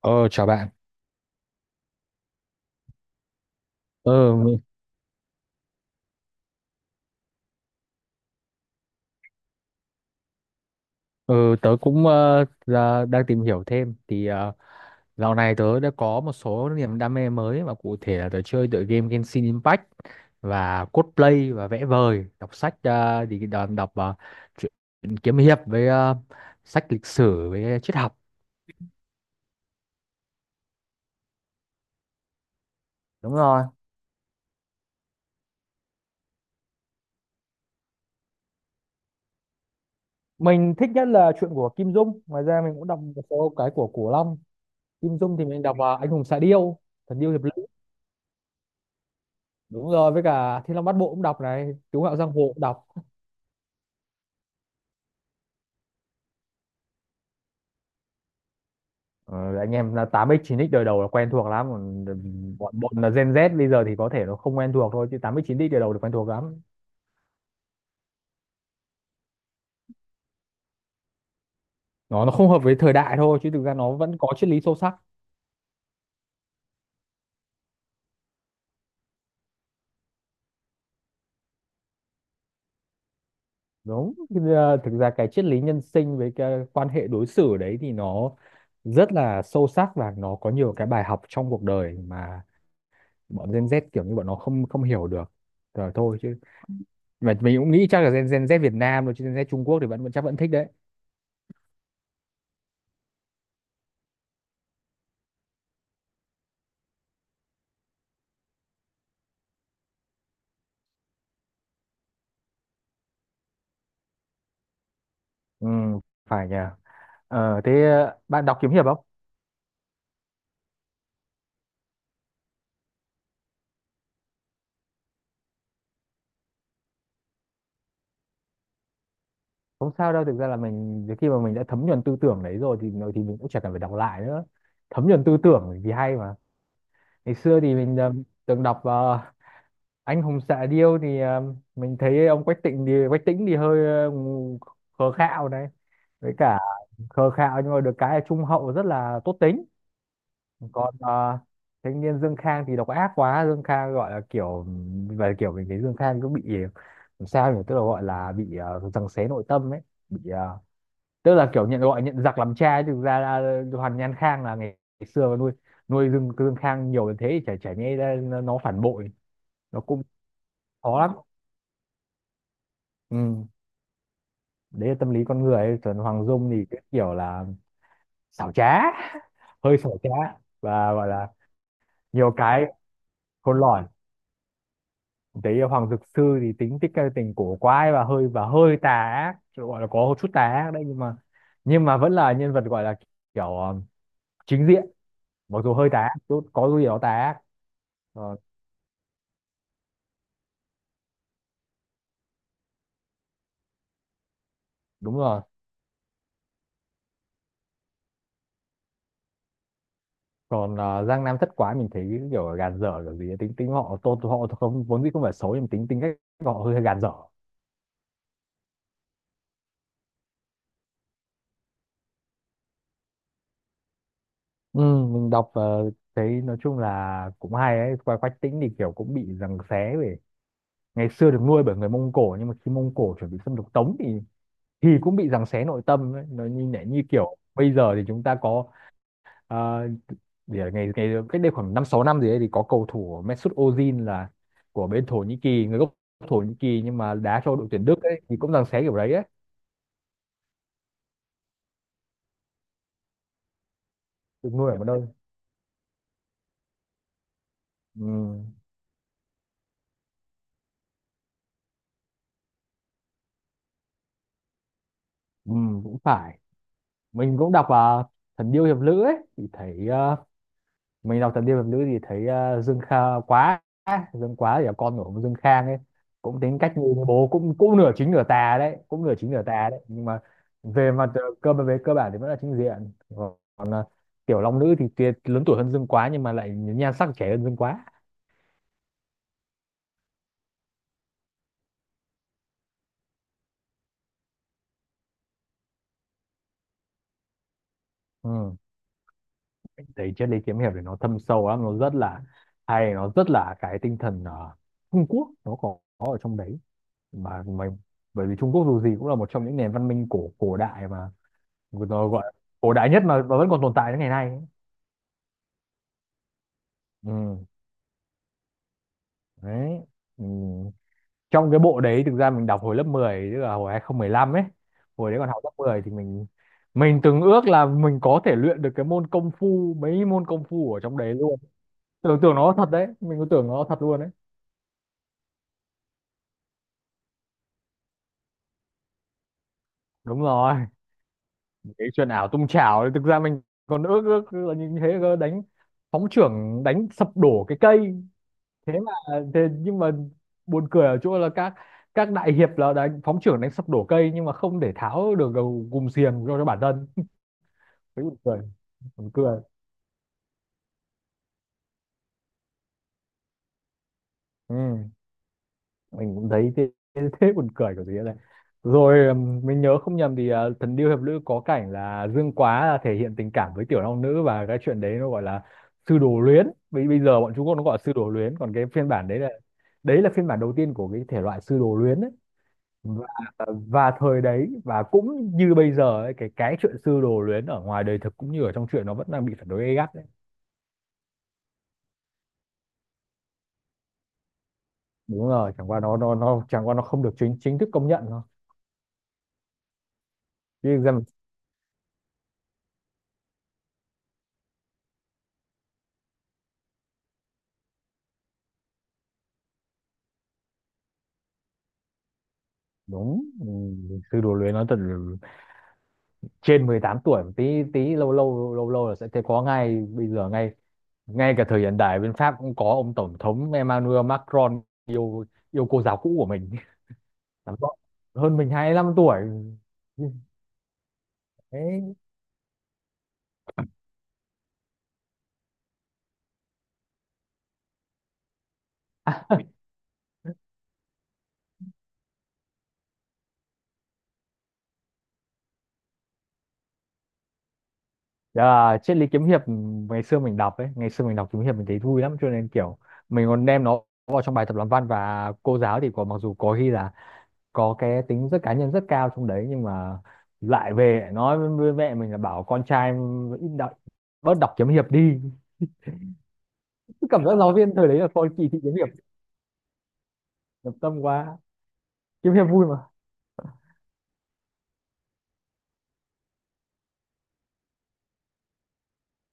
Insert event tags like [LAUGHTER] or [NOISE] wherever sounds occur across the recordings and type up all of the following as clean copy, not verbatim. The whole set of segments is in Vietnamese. Ờ, Chào bạn. Ờ, ờ, Tớ cũng đang tìm hiểu thêm. Dạo này tớ đã có một số niềm đam mê mới, và cụ thể là tớ chơi tựa game Genshin Impact và cosplay và vẽ vời, đọc sách, ờ, thì đọc, đọc ờ, truyện kiếm hiệp với sách lịch sử với triết học. Đúng rồi. Mình thích nhất là chuyện của Kim Dung. Ngoài ra mình cũng đọc một số cái của Cổ Long. Kim Dung thì mình đọc Anh Hùng Xạ Điêu, Thần Điêu Hiệp Lữ. Đúng rồi, với cả Thiên Long Bát Bộ cũng đọc này, Cứu Ngạo Giang Hồ cũng đọc. Ờ, anh em là 8x 9x đời đầu là quen thuộc lắm, còn bọn bọn là Gen Z bây giờ thì có thể nó không quen thuộc thôi, chứ 8x 9x đời đầu là quen thuộc lắm. Nó không hợp với thời đại thôi, chứ thực ra nó vẫn có triết lý sâu sắc. Đúng. Thực ra cái triết lý nhân sinh với cái quan hệ đối xử đấy thì nó rất là sâu sắc, và nó có nhiều cái bài học trong cuộc đời mà bọn Gen Z kiểu như bọn nó không không hiểu được rồi thôi. Chứ mà mình cũng nghĩ chắc là Gen Z Việt Nam rồi, chứ Gen Z Trung Quốc thì vẫn vẫn chắc vẫn thích đấy. Ừ, phải nhỉ. Thế bạn đọc kiếm hiệp không? Không sao đâu, thực ra là mình đến khi mà mình đã thấm nhuần tư tưởng đấy rồi thì mình cũng chẳng cần phải đọc lại nữa. Thấm nhuần tư tưởng thì hay mà. Ngày xưa thì mình từng đọc anh hùng xạ điêu, thì mình thấy ông Quách Tịnh thì Quách Tĩnh thì hơi khờ khạo đấy. Với cả khờ khạo nhưng mà được cái là trung hậu, rất là tốt tính. Còn thanh niên Dương Khang thì độc ác quá. Dương Khang gọi là kiểu, và kiểu mình thấy Dương Khang cứ bị làm sao nhỉ, tức là gọi là bị giằng xé nội tâm ấy, bị tức là kiểu nhận giặc làm cha ấy. Thực ra là Hoàn Nhan Khang là ngày xưa nuôi nuôi Dương Dương Khang nhiều đến thế thì chả chả nhẽ ra nó phản bội. Nó cũng khó lắm. Ừ. Đấy là tâm lý con người ấy. Còn Hoàng Dung thì cái kiểu là xảo trá, [LAUGHS] hơi xảo trá, và gọi là nhiều cái khôn lỏi. Đấy là Hoàng Dực Sư thì tính tình cổ quái, và hơi tà ác, gọi là có chút tà ác đấy, nhưng mà vẫn là nhân vật gọi là kiểu chính diện, mặc dù hơi tà ác chút, có gì đó tà ác. Ờ, đúng rồi. Còn Giang Nam thất quái mình thấy cái kiểu gàn dở kiểu gì ấy. Tính tính họ, tô họ không vốn dĩ không phải xấu, nhưng tính tính cách họ hơi gàn dở. Ừ, mình đọc, thấy nói chung là cũng hay ấy. Quách Tĩnh thì kiểu cũng bị giằng xé về ngày xưa được nuôi bởi người Mông Cổ, nhưng mà khi Mông Cổ chuẩn bị xâm lược Tống thì cũng bị giằng xé nội tâm ấy. Nó như nhẹ như kiểu bây giờ thì chúng ta có, ờ, vì là ngày ngày cách đây khoảng 5 6 năm gì đấy, thì có cầu thủ Mesut Ozil là của bên Thổ Nhĩ Kỳ, người gốc Thổ Nhĩ Kỳ nhưng mà đá cho đội tuyển Đức ấy, thì cũng giằng xé kiểu đấy ấy, được nuôi ở một nơi. Ừ, ừ, cũng phải. Mình cũng đọc là Thần Điêu Hiệp Lữ ấy thì thấy, mình đọc Thập Niên Hiệp Nữ thì thấy Dương Kha quá, Dương Quá thì là con của ông Dương Khang ấy, cũng tính cách như bố, cũng cũng nửa chính nửa tà đấy, cũng nửa chính nửa tà đấy nhưng mà về mặt ờ, cơ về cơ bản thì vẫn là chính diện. Còn Tiểu Long Nữ thì tuyệt, lớn tuổi hơn Dương Quá nhưng mà lại nhan sắc trẻ hơn Dương Quá. Ừ. Thấy triết lý kiếm hiệp thì nó thâm sâu lắm, nó rất là hay, nó rất là cái tinh thần Trung Quốc nó có ở trong đấy. Mà mình, bởi vì Trung Quốc dù gì cũng là một trong những nền văn minh cổ cổ đại mà, nó gọi là cổ đại nhất mà vẫn còn tồn tại đến ngày nay ấy. Ừ. Đấy. Ừ. Trong cái bộ đấy thực ra mình đọc hồi lớp 10, tức là hồi 2015 ấy. Hồi đấy còn học lớp 10 thì mình từng ước là mình có thể luyện được cái môn công phu, mấy môn công phu ở trong đấy luôn. Tưởng tưởng nó thật đấy, mình cứ tưởng nó thật luôn đấy. Đúng rồi. Cái chuyện ảo tung chảo ấy, thực ra mình còn ước ước là như thế cơ, đánh phóng chưởng đánh sập đổ cái cây. Thế mà thế nhưng mà buồn cười ở chỗ là các đại hiệp là đánh phóng trưởng đánh sập đổ cây, nhưng mà không để tháo được gầu gùm xiềng cho bản thân. Thấy buồn cười, buồn cười. Ừ, mình cũng thấy Thế buồn cười kiểu gì này. Rồi mình nhớ không nhầm thì Thần Điêu Hiệp Lữ có cảnh là Dương Quá là thể hiện tình cảm với Tiểu Long Nữ, và cái chuyện đấy nó gọi là sư đồ luyến. Bây bây giờ bọn Trung Quốc nó gọi là sư đồ luyến, còn cái phiên bản đấy là, phiên bản đầu tiên của cái thể loại sư đồ luyến ấy. Và, và thời đấy và cũng như bây giờ ấy, cái chuyện sư đồ luyến ở ngoài đời thực cũng như ở trong truyện nó vẫn đang bị phản đối gay gắt đấy. Đúng rồi, chẳng qua nó chẳng qua nó không được chính chính thức công nhận thôi, chứ thực ra đúng ừ, sư đồ luyến nó thật là, trên 18 tuổi một tí, tí lâu lâu lâu lâu là sẽ thấy có ngay. Bây giờ, ngay ngay cả thời hiện đại bên Pháp cũng có ông tổng thống Emmanuel Macron yêu, cô giáo cũ của mình. [LAUGHS] Làm rõ. Hơn mình 25 tuổi. Thế. Dạ, triết lý kiếm hiệp, ngày xưa mình đọc kiếm hiệp mình thấy vui lắm, cho nên kiểu mình còn đem nó vào trong bài tập làm văn, và cô giáo thì có, mặc dù có khi là có cái tính rất cá nhân rất cao trong đấy, nhưng mà lại về nói với mẹ mình là bảo con trai ít đọc bớt đọc kiếm hiệp đi. Cứ cảm giác giáo viên thời đấy là coi kỳ thị kiếm hiệp. Nhập tâm quá. Kiếm hiệp vui mà.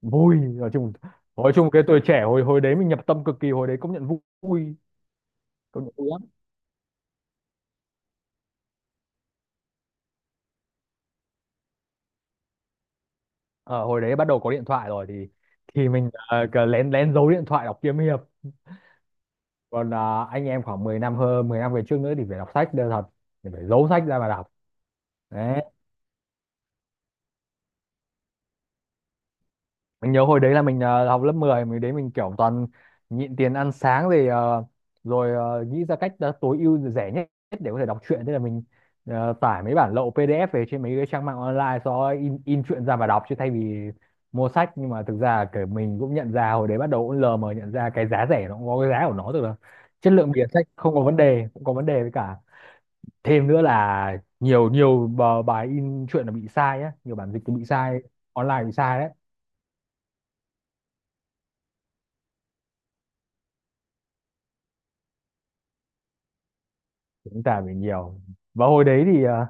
Vui, nói chung cái tuổi trẻ hồi hồi đấy mình nhập tâm cực kỳ, hồi đấy vui, công nhận vui lắm. Ờ, hồi đấy bắt đầu có điện thoại rồi thì, thì mình cứ lén lén giấu điện thoại đọc kiếm hiệp. Còn anh em khoảng 10 năm, hơn 10 năm về trước nữa, thì phải đọc sách đều thật, thì phải giấu sách ra mà đọc. Đấy, mình nhớ hồi đấy là mình học lớp 10, mình kiểu toàn nhịn tiền ăn sáng, rồi nghĩ ra cách tối ưu rẻ nhất để có thể đọc truyện. Thế là mình tải mấy bản lậu PDF về trên mấy cái trang mạng online, sau đó in truyện ra và đọc chứ thay vì mua sách. Nhưng mà thực ra kiểu mình cũng nhận ra hồi đấy, bắt đầu cũng lờ mờ nhận ra cái giá rẻ nó cũng có cái giá của nó, tức là chất lượng bìa sách không có vấn đề, cũng có vấn đề, với cả thêm nữa là nhiều nhiều bờ- bài in truyện là bị sai á, nhiều bản dịch thì bị sai online bị sai đấy. Dũng cảm mình nhiều. Và hồi đấy thì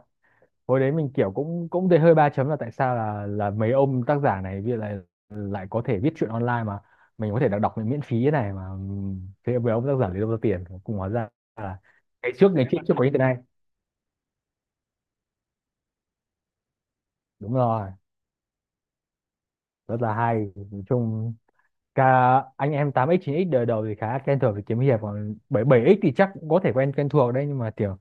hồi đấy mình kiểu cũng cũng thấy hơi ba chấm là tại sao là mấy ông tác giả này bây giờ lại lại có thể viết truyện online mà mình có thể đọc đọc miễn phí thế này mà, thế mấy ông tác giả lấy đâu ra tiền cùng. Hóa ra là ngày trước chưa có như thế này. Đúng rồi, rất là hay nói chung. Cả anh em 8x 9x đời đầu thì khá Quen thuộc với kiếm hiệp, còn 77x thì chắc cũng có thể quen quen thuộc đấy, nhưng mà kiểu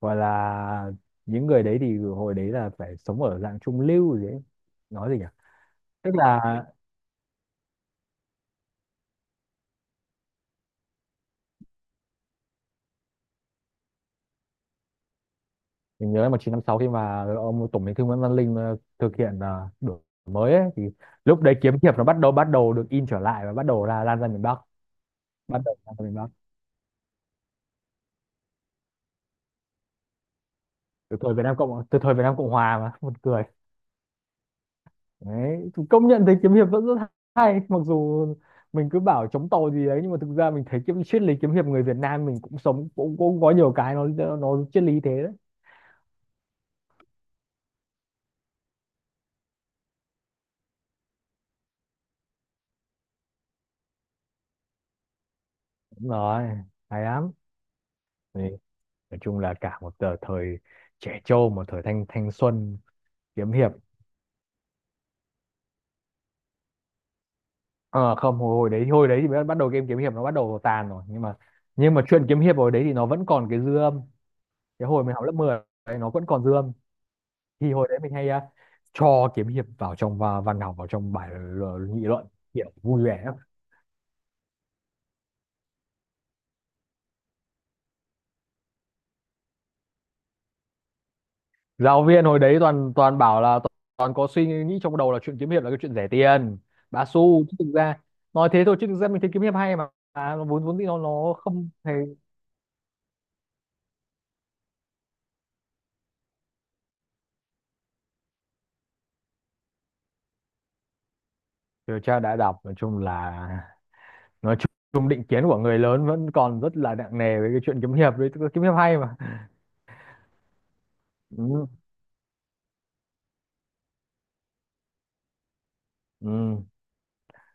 gọi là những người đấy thì hồi đấy là phải sống ở dạng trung lưu gì đấy, nói gì nhỉ? Tức là mình nhớ 1956, khi mà ông Tổng Bí thư Nguyễn Văn Linh thực hiện đổi mới ấy, thì lúc đấy kiếm hiệp nó bắt đầu được in trở lại và bắt đầu là lan ra miền Bắc, bắt đầu lan ra miền Bắc. Từ thời Việt Nam Cộng Hòa mà buồn cười. Đấy, thì công nhận thấy kiếm hiệp vẫn rất hay, mặc dù mình cứ bảo chống tàu gì đấy nhưng mà thực ra mình thấy kiếm triết lý kiếm hiệp người Việt Nam mình cũng sống cũng, cũng có nhiều cái nó triết lý thế đấy. Đúng rồi, hay lắm. Thì nói chung là cả một thời trẻ trâu, một thời thanh thanh xuân. Kiếm hiệp, ờ không, hồi đấy thì bắt bắt đầu game kiếm hiệp nó bắt đầu tàn rồi, nhưng mà chuyện kiếm hiệp hồi đấy thì nó vẫn còn cái dư âm, cái hồi mình học lớp 10 đấy, nó vẫn còn dư âm. Thì hồi đấy mình hay cho kiếm hiệp vào trong và văn học vào trong bài nghị luận, kiểu vui vẻ lắm. Giáo viên hồi đấy toàn toàn bảo là toàn có suy nghĩ trong đầu là chuyện kiếm hiệp là cái chuyện rẻ tiền bá xu, chứ thực ra nói thế thôi chứ thực ra mình thấy kiếm hiệp hay mà, nó vốn vốn dĩ nó không hay. Điều tra đã đọc, nói chung là nói chung định kiến của người lớn vẫn còn rất là nặng nề với cái chuyện kiếm hiệp đấy, tức là kiếm hiệp hay mà. Ừ. Ừ.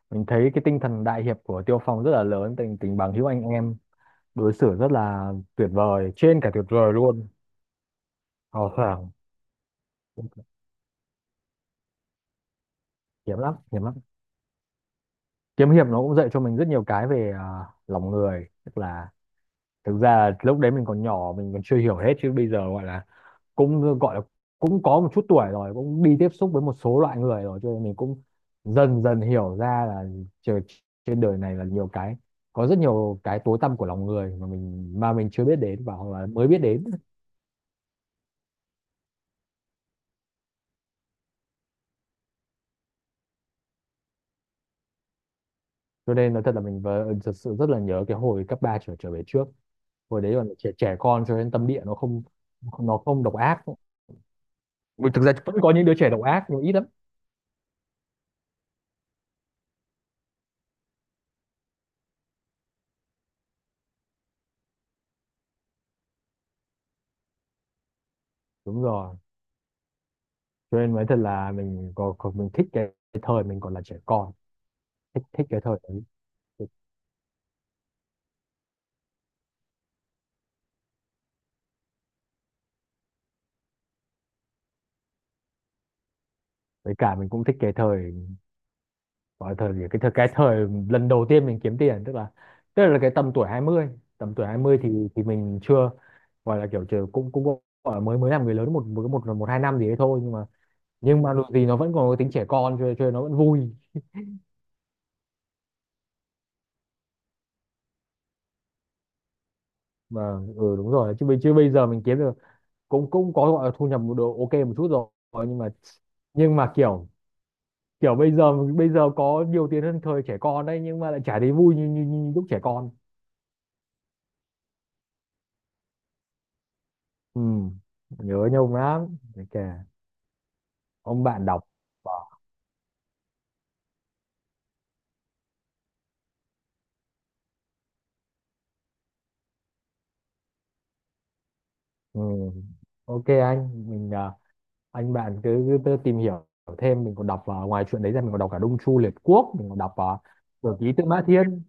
Mình thấy cái tinh thần đại hiệp của Tiêu Phong rất là lớn, tình tình bằng hữu anh em đối xử rất là tuyệt vời, trên cả tuyệt vời luôn. Hào sảng. Hiếm lắm, hiếm lắm. Kiếm hiệp nó cũng dạy cho mình rất nhiều cái về lòng người, tức là thực ra là lúc đấy mình còn nhỏ mình còn chưa hiểu hết, chứ bây giờ gọi là cũng có một chút tuổi rồi, cũng đi tiếp xúc với một số loại người rồi cho nên mình cũng dần dần hiểu ra là trời, trên đời này là nhiều cái, có rất nhiều cái tối tăm của lòng người mà mình chưa biết đến, và hoặc là mới biết đến. Cho nên nói thật là mình thật sự rất là nhớ cái hồi cấp 3 trở trở về trước. Hồi đấy còn trẻ trẻ con cho nên tâm địa nó không, nó không độc ác. Ừ, thực ra vẫn có những đứa trẻ độc ác nhưng ít lắm. Đúng rồi, cho nên nói thật là mình có mình thích cái thời mình còn là trẻ con. Thích Thích cái thời đấy. Với cả mình cũng thích cái thời, gọi là thời gì, cái thời lần đầu tiên mình kiếm tiền, tức là cái tầm tuổi 20 tầm tuổi hai mươi thì mình chưa, gọi là kiểu chưa, cũng cũng gọi là mới, mới làm người lớn một hai năm gì đấy thôi, nhưng mà dù gì nó vẫn còn cái tính trẻ con cho nên nó vẫn vui mà. Ừ đúng rồi, chứ bây giờ mình kiếm được cũng cũng có gọi là thu nhập một độ ok một chút rồi, nhưng mà kiểu kiểu bây giờ có nhiều tiền hơn thời trẻ con đấy nhưng mà lại chả thấy vui như như lúc trẻ con. Ừ. Nhớ Nhung lắm. Đấy kìa, ông bạn đọc. Ừ, ok anh mình, anh bạn cứ tự tìm hiểu thêm. Mình còn đọc vào, ngoài chuyện đấy ra mình còn đọc cả Đông Chu Liệt Quốc, mình còn đọc vào Sử ký Tư Mã Thiên.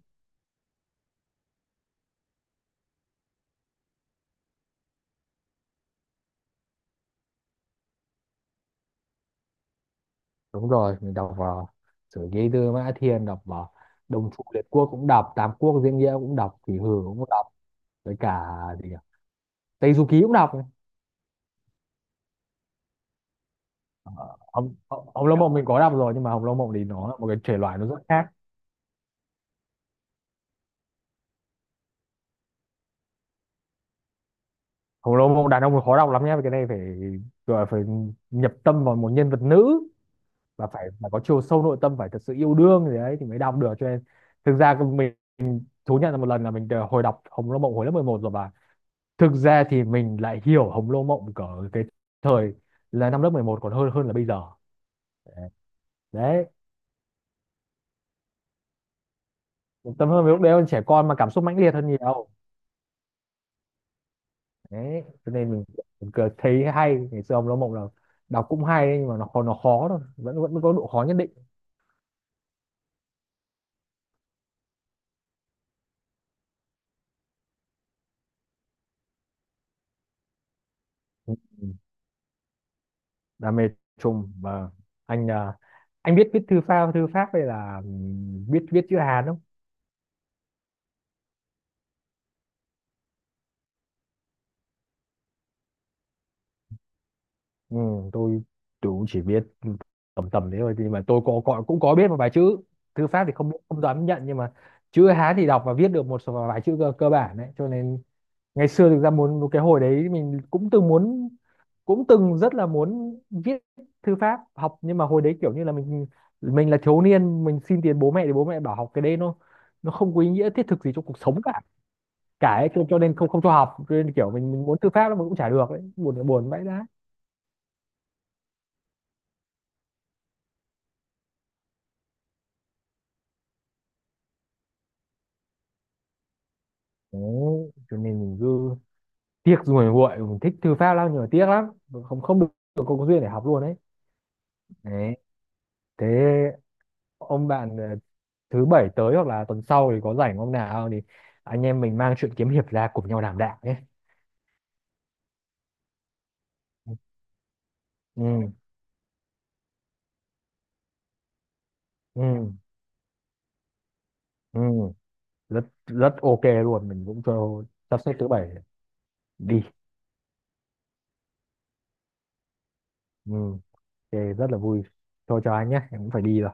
Đúng rồi, mình đọc vào Sử ký Tư Mã Thiên, đọc vào Đông Chu Liệt Quốc cũng đọc, Tám Quốc Diễn Nghĩa cũng đọc, kỷ Hử cũng đọc, với cả gì nhỉ? Tây Du Ký cũng đọc. Ờ, Hồng, Hồng Hồng Lâu Mộng mình có đọc rồi, nhưng mà Hồng Lâu Mộng thì nó là một cái thể loại nó rất khác. Khổng lồ mộng đàn ông là khó đọc lắm nhé, cái này phải gọi là phải nhập tâm vào một nhân vật nữ, và phải phải có chiều sâu nội tâm, phải thật sự yêu đương gì đấy thì mới đọc được. Cho nên thực ra cái mình thú nhận là một lần là mình đã hồi đọc Hồng Lô Mộng hồi lớp 11 rồi, và thực ra thì mình lại hiểu Hồng Lô Mộng cỡ cái thời là năm lớp 11 còn hơn, hơn là bây giờ. Đấy, tâm hơn với lúc đấy còn trẻ con mà cảm xúc mãnh liệt hơn nhiều. Đấy cho nên mình cứ thấy hay ngày xưa, Hồng Lô Mộng là đọc cũng hay đấy, nhưng mà nó khó, nó khó thôi, vẫn vẫn có độ khó nhất định. Ừ. Đam mê chung, và anh, anh biết viết thư pháp, hay là biết viết chữ Hán không? Ừ, tôi tôi cũng chỉ biết tầm tầm thế thôi, nhưng mà tôi có cũng có biết một vài chữ. Thư pháp thì không, không dám nhận, nhưng mà chữ Hán thì đọc và viết được một số vài chữ cơ bản đấy. Cho nên ngày xưa thực ra muốn, cái hồi đấy mình cũng từng muốn, cũng từng rất là muốn viết thư pháp học, nhưng mà hồi đấy kiểu như là mình là thiếu niên, mình xin tiền bố mẹ thì bố mẹ bảo học cái đấy nó không có ý nghĩa thiết thực gì trong cuộc sống cả. Cãi cho nên không, không cho học, cho nên kiểu mình muốn thư pháp nó mà cũng chả được đấy, buồn buồn vãi đái. Đấy cho nên mình cứ tiếc ruồi muội, mình thích thư pháp lắm nhưng mà tiếc lắm, không không được, không có duyên để học luôn đấy. Đấy, thế ông bạn, thứ bảy tới hoặc là tuần sau thì có rảnh hôm nào thì anh em mình mang chuyện kiếm hiệp ra cùng nhau đảm đạo nhé. ừ ừ ừ Rất rất ok luôn, mình cũng cho sắp xếp thứ bảy đi. Ừ ok, rất là vui. Thôi chào anh nhé, em cũng phải đi rồi.